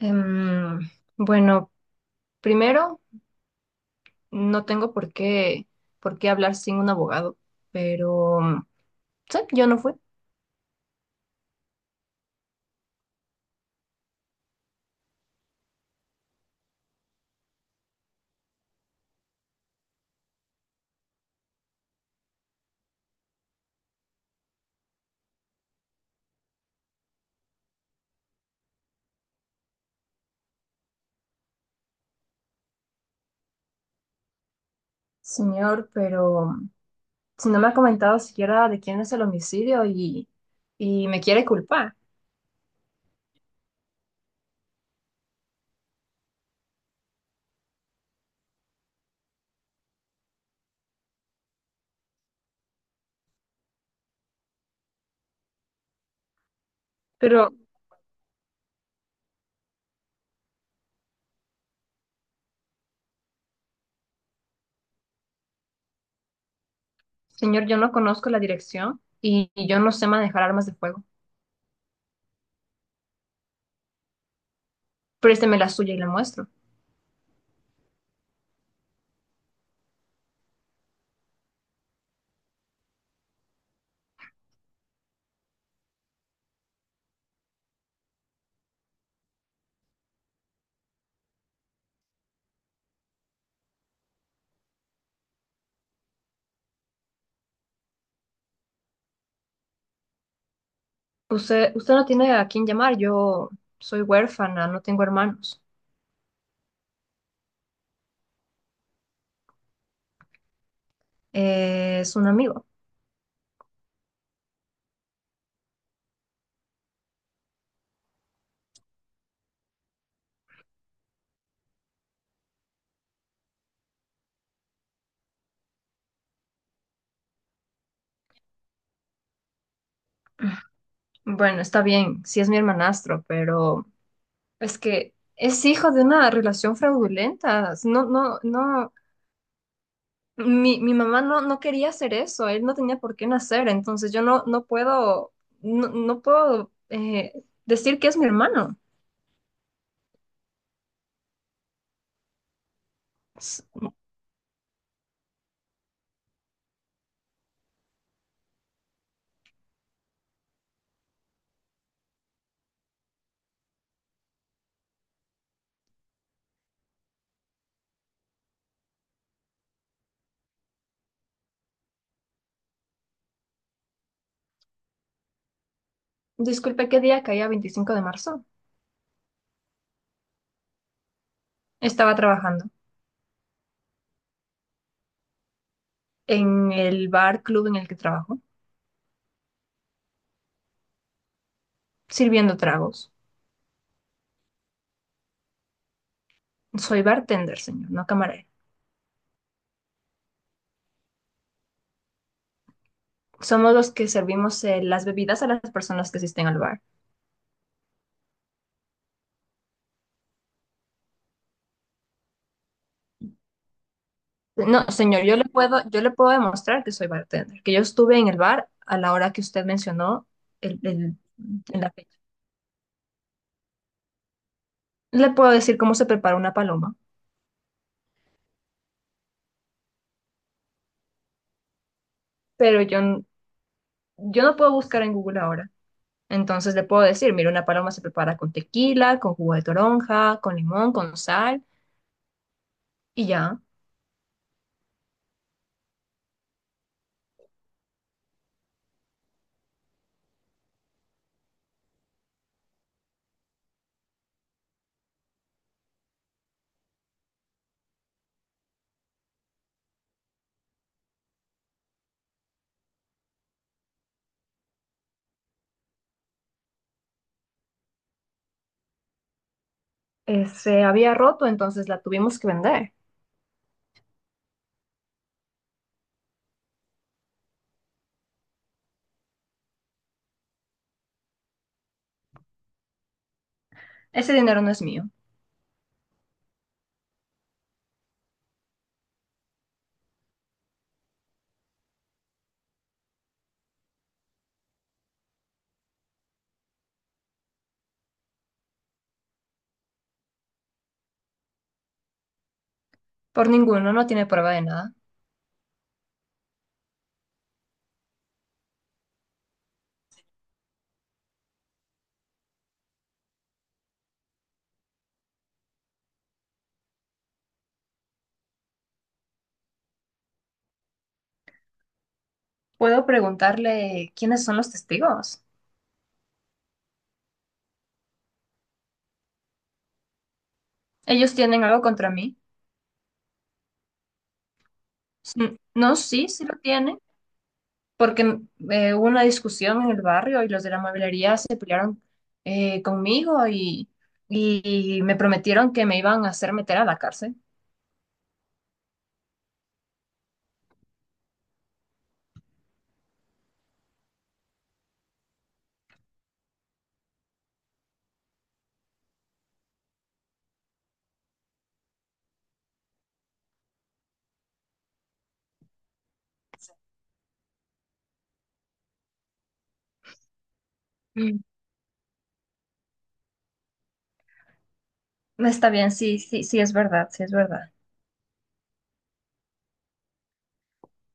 Em, bueno, primero, no tengo por qué hablar sin un abogado, pero sí, yo no fui. Señor, pero si no me ha comentado siquiera de quién es el homicidio y me quiere culpar. Pero, señor, yo no conozco la dirección y yo no sé manejar armas de fuego. Présteme la suya y la muestro. Usted no tiene a quién llamar, yo soy huérfana, no tengo hermanos. Es un amigo. Bueno, está bien, sí es mi hermanastro, pero es que es hijo de una relación fraudulenta. No, no, no. Mi mamá no, no quería hacer eso, él no tenía por qué nacer, entonces yo no, no puedo, no, no puedo decir que es mi hermano. S- Disculpe, ¿qué día caía 25 de marzo? Estaba trabajando en el bar club en el que trabajo, sirviendo tragos. Soy bartender, señor, no camarero. Somos los que servimos las bebidas a las personas que asisten al bar. No, señor, yo le puedo demostrar que soy bartender, que yo estuve en el bar a la hora que usted mencionó el, el- en la fecha. Le puedo decir cómo se prepara una paloma, pero yo no puedo buscar en Google ahora. Entonces le puedo decir, mira, una paloma se prepara con tequila, con jugo de toronja, con limón, con sal, y ya. Se había roto, entonces la tuvimos que vender. Ese dinero no es mío. Por ninguno, no tiene prueba de nada. Puedo preguntarle quiénes son los testigos. Ellos tienen algo contra mí. Mm, no, sí, sí lo tiene, porque hubo una discusión en el barrio y los de la mueblería se pelearon conmigo y me prometieron que me iban a hacer meter a la cárcel. Mm. No. Está bien, sí, sí, sí, es verdad, sí, es verdad.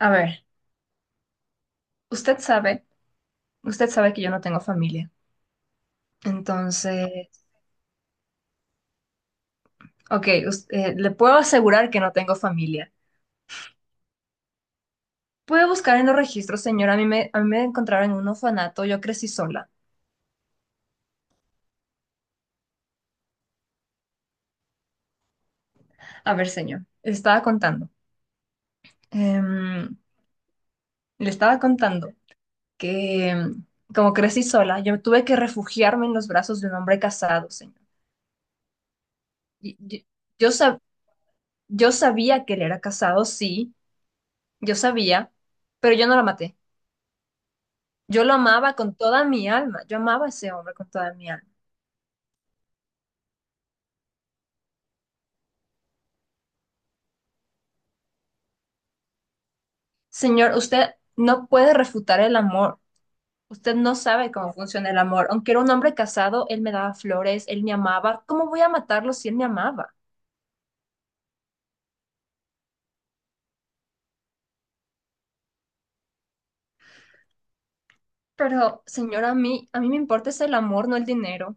A ver, usted sabe, usted sabe que yo no tengo familia. Entonces, ok, le puedo asegurar que no tengo familia. Puede buscar en los registros, señor. A mí me encontraron en un orfanato, yo crecí sola. A ver, señor, estaba contando. em, Le estaba contando que como crecí sola, yo tuve que refugiarme en los brazos de un hombre casado, señor. Y- y- Yo, sab- yo sabía que él era casado, sí, yo sabía, pero yo no lo maté. Yo lo amaba con toda mi alma, yo amaba a ese hombre con toda mi alma. Señor, usted no puede refutar el amor. Usted no sabe cómo funciona el amor. Aunque era un hombre casado, él me daba flores, él me amaba. ¿Cómo voy a matarlo si él me amaba? Pero, señor, a mí me importa es el amor, no el dinero.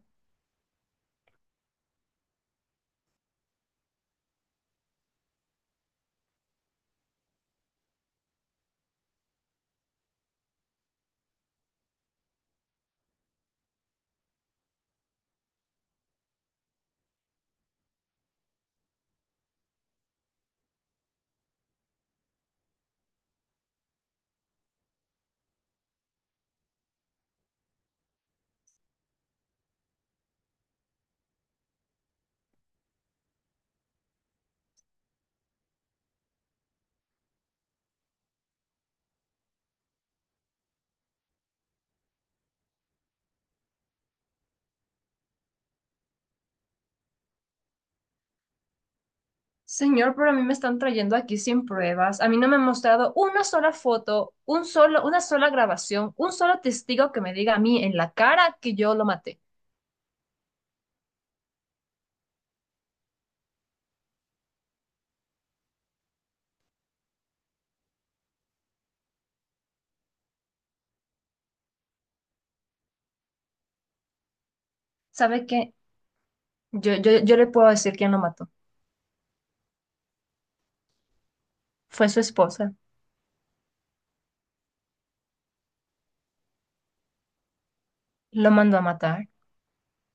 Señor, pero a mí me están trayendo aquí sin pruebas. A mí no me han mostrado una sola foto, un solo, una sola grabación, un solo testigo que me diga a mí en la cara que yo lo maté. ¿Sabe qué? Yo le puedo decir quién lo mató. Fue su esposa. Lo mandó a matar.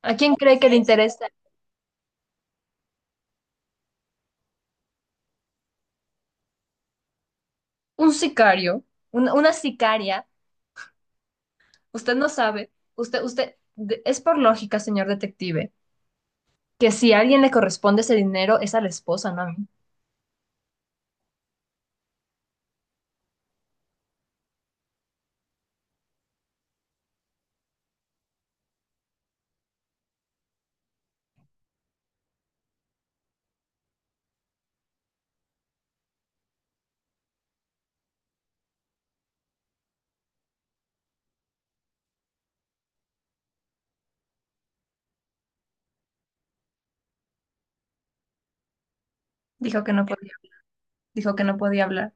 ¿A quién cree que le interesa? Un sicario, una sicaria. Usted no sabe. Es por lógica, señor detective, que si a alguien le corresponde ese dinero es a la esposa, no a mí. Dijo que no podía, dijo que no podía hablar.